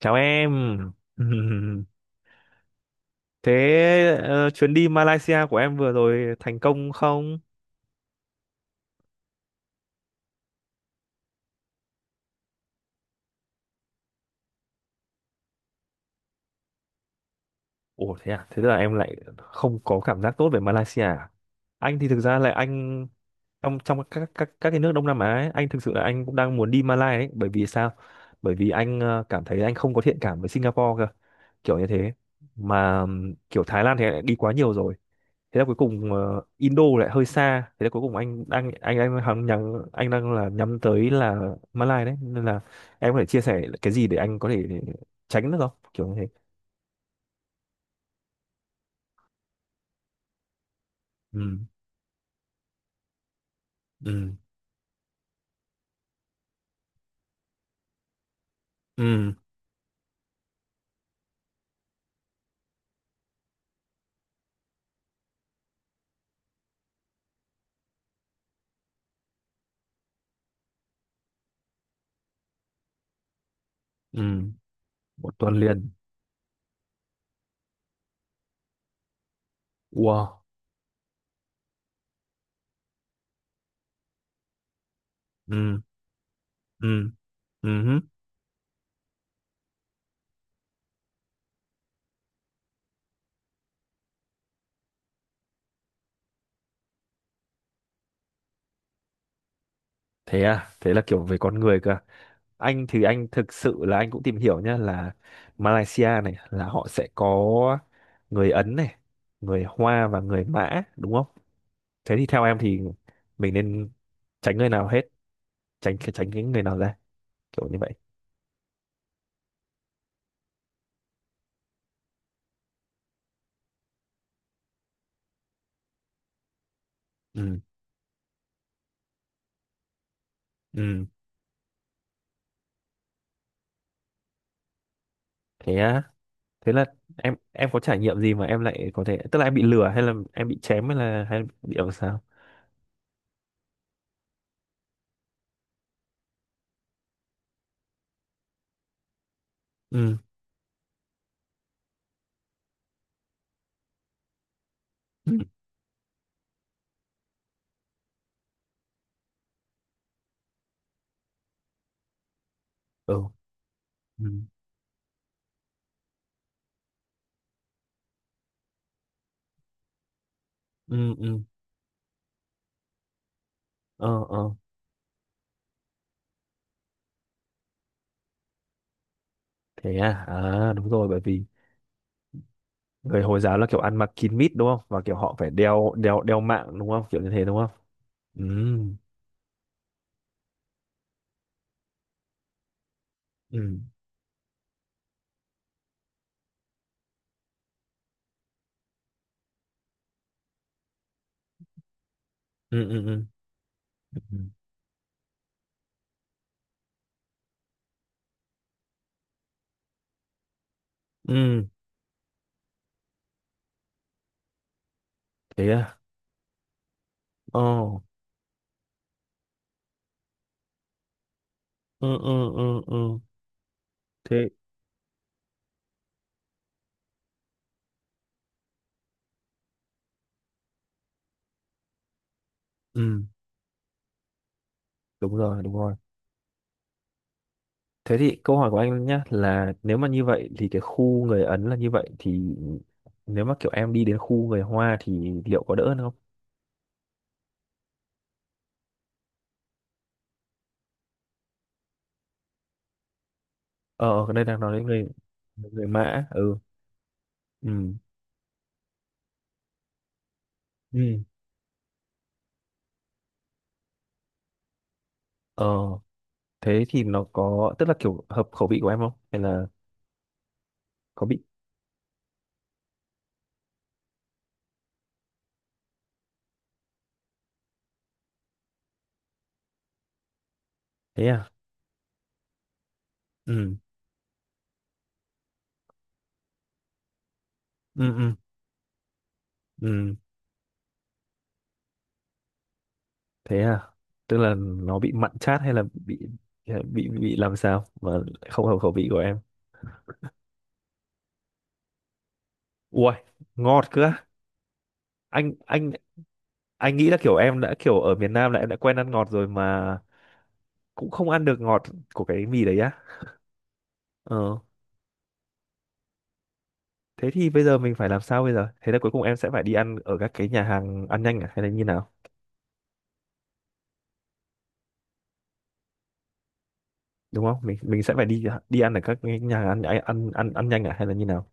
Chào em. Thế chuyến đi Malaysia của em vừa rồi thành công không? Ủa thế à? Thế tức là em lại không có cảm giác tốt về Malaysia à? Anh thì thực ra là anh trong trong các cái nước Đông Nam Á ấy, anh thực sự là anh cũng đang muốn đi Malaysia ấy, bởi vì sao? Bởi vì anh cảm thấy anh không có thiện cảm với Singapore, kiểu như thế mà kiểu Thái Lan thì anh đã đi quá nhiều rồi. Thế là cuối cùng Indo lại hơi xa, thế là cuối cùng anh đang là nhắm tới là Malai đấy, nên là em có thể chia sẻ cái gì để anh có thể tránh được không, kiểu như thế? Ừ. Ừ. Ừ. Ừ. Một tuần liền. Wow. Ừ. Ừ. Ừ hứ. Thế à? Thế là kiểu về con người cơ? Anh thì anh thực sự là anh cũng tìm hiểu nhá là Malaysia này là họ sẽ có người Ấn này, người Hoa và người Mã, đúng không? Thế thì theo em thì mình nên tránh người nào hết, tránh tránh cái người nào ra, kiểu như vậy? Ừ. Ừ. Thế á? Thế là em có trải nghiệm gì mà em lại có thể, tức là em bị lừa hay là em bị chém hay là hay bị làm sao? Ừ. Ừ. Ừ. Ừ. Ừ. Ừ. Ờ. Ờ. Thế à? À đúng rồi, bởi vì người Hồi giáo là kiểu ăn mặc kín mít đúng không, và kiểu họ phải đeo đeo đeo mạng đúng không, kiểu như thế đúng không? Ừ. Ừ. Ừ. Ừ. Ừ. Ừ. Ừ. Thế à. Ờ. Ừ. Ừ. Ừ. Ừ. Thế. Ừ. Đúng rồi, đúng rồi. Thế thì câu hỏi của anh nhá là nếu mà như vậy thì cái khu người Ấn là như vậy thì nếu mà kiểu em đi đến khu người Hoa thì liệu có đỡ hơn không? Ờ, ở đây đang nói đến người người Mã. Ừ. Ừ. Ừ. Ờ. Thế thì nó có, tức là kiểu hợp khẩu vị của em không, hay là có bị? Thế à. Ừ. Ừ. Ừ. Ừ. Thế à, tức là nó bị mặn chát hay là bị làm sao mà lại không hợp khẩu vị của em? Ui, ngọt cơ á. anh anh anh nghĩ là kiểu em đã kiểu ở miền Nam là em đã quen ăn ngọt rồi mà cũng không ăn được ngọt của cái mì đấy á. Ờ. Thế thì bây giờ mình phải làm sao bây giờ, thế là cuối cùng em sẽ phải đi ăn ở các cái nhà hàng ăn nhanh à hay là như nào, đúng không? Mình sẽ phải đi đi ăn ở các cái nhà hàng ăn nhanh à hay là như nào?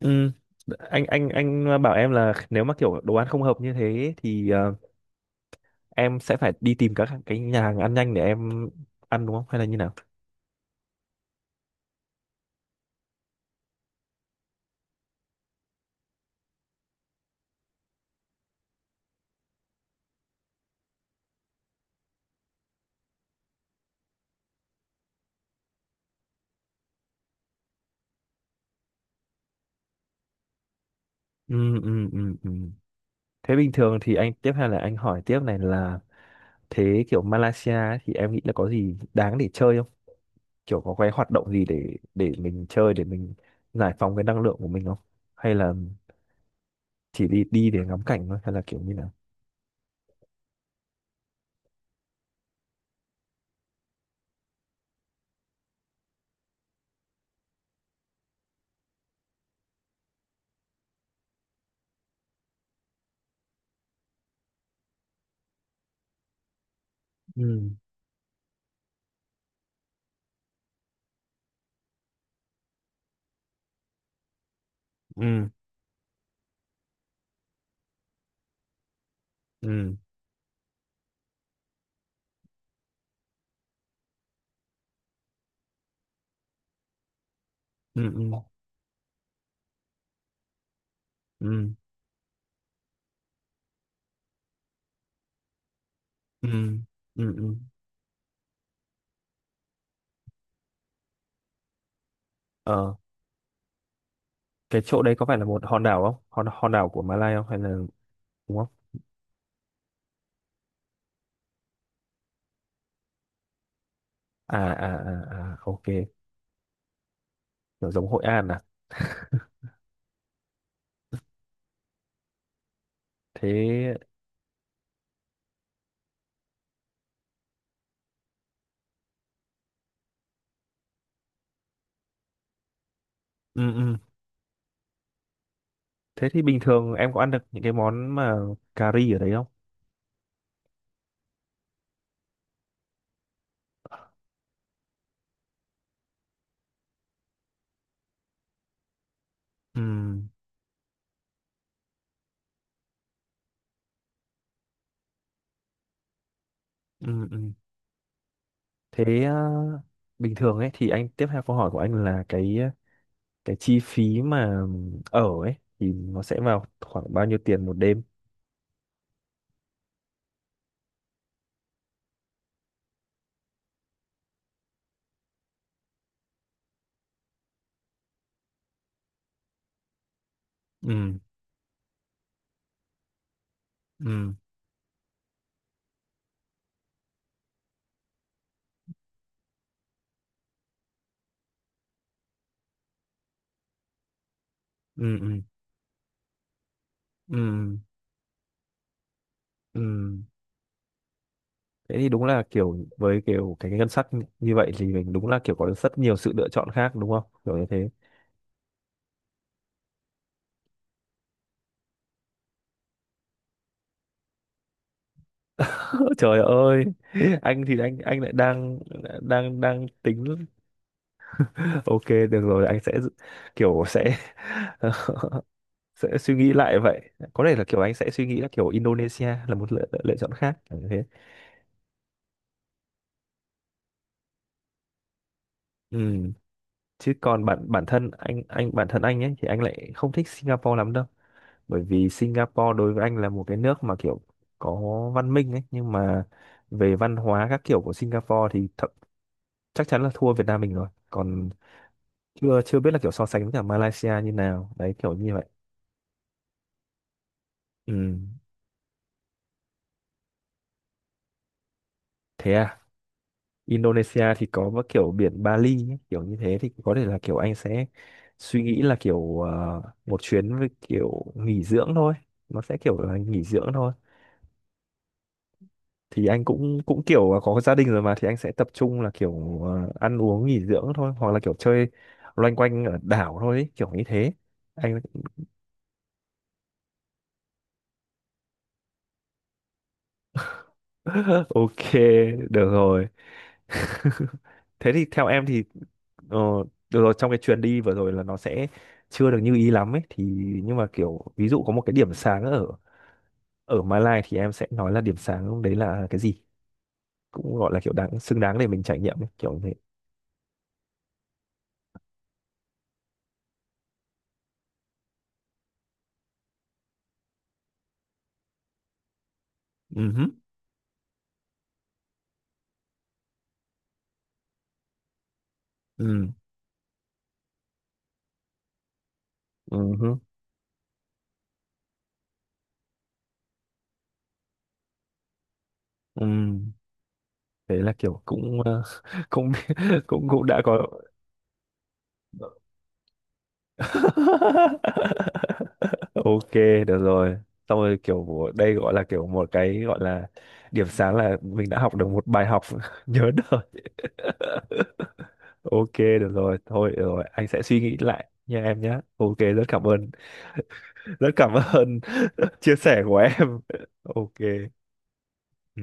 Ừ. Anh bảo em là nếu mà kiểu đồ ăn không hợp như thế thì em sẽ phải đi tìm các cái nhà hàng ăn nhanh để em ăn, đúng không hay là như nào? Ừ, ừ, ừ, ừ. Thế bình thường thì anh tiếp, hay là anh hỏi tiếp này là thế kiểu Malaysia ấy thì em nghĩ là có gì đáng để chơi không? Kiểu có cái hoạt động gì để mình chơi để mình giải phóng cái năng lượng của mình không? Hay là chỉ đi đi để ngắm cảnh thôi hay là kiểu như nào? Ừ, ừ, ừ, ừ, ừ, ừ, ừ, ừ. Ừ. Ờ. Cái chỗ đấy có phải là một hòn đảo không, hòn hòn đảo của Malai không hay là đúng không? À à. À, à, ok. Kiểu giống Hội An à? Thế. Ừ, ừ. Thế thì bình thường em có ăn được những cái món mà cà ri ở đấy không? Ừ, ừ, ừ. Thế à, bình thường ấy thì anh tiếp theo câu hỏi của anh là cái cái chi phí mà ở ấy thì nó sẽ vào khoảng bao nhiêu tiền một đêm? Ừ, ừ, ừ, ừ, ừ, ừ. Thế thì đúng là kiểu với kiểu cái ngân sách như vậy thì mình đúng là kiểu có rất nhiều sự lựa chọn khác đúng không kiểu như thế? Trời ơi, anh thì anh lại đang đang đang tính. Ok được rồi, anh sẽ kiểu sẽ sẽ suy nghĩ lại vậy, có thể là kiểu anh sẽ suy nghĩ là kiểu Indonesia là một lựa chọn khác kiểu như thế. Ừ. Chứ còn bản bản thân anh, bản thân anh ấy thì anh lại không thích Singapore lắm đâu, bởi vì Singapore đối với anh là một cái nước mà kiểu có văn minh ấy, nhưng mà về văn hóa các kiểu của Singapore thì thậm, chắc chắn là thua Việt Nam mình rồi, còn chưa chưa biết là kiểu so sánh với cả Malaysia như nào đấy kiểu như vậy. Ừ. Thế à. Indonesia thì có một kiểu biển Bali ấy, kiểu như thế thì có thể là kiểu anh sẽ suy nghĩ là kiểu một chuyến với kiểu nghỉ dưỡng thôi, nó sẽ kiểu là nghỉ dưỡng thôi. Thì anh cũng cũng kiểu là có gia đình rồi mà, thì anh sẽ tập trung là kiểu ăn uống nghỉ dưỡng thôi, hoặc là kiểu chơi loanh quanh ở đảo thôi ấy, kiểu như thế. Anh ok được rồi. Thế thì theo em thì ờ, được rồi, trong cái chuyến đi vừa rồi là nó sẽ chưa được như ý lắm ấy thì nhưng mà kiểu ví dụ có một cái điểm sáng ở ở Malai thì em sẽ nói là điểm sáng đấy là cái gì, cũng gọi là kiểu đáng xứng đáng để mình trải nghiệm ấy, kiểu như thế. Ừ hứ. Ừ. Ừ hứ. Ừ. Thế là kiểu cũng cũng cũng cũng đã có. Ok được rồi, xong rồi kiểu của đây gọi là kiểu một cái gọi là điểm sáng là mình đã học được một bài học nhớ đời. Ok được rồi, thôi được rồi, anh sẽ suy nghĩ lại nha em nhé. Ok, rất cảm ơn. Rất cảm ơn chia sẻ của em. Ok. Ừ.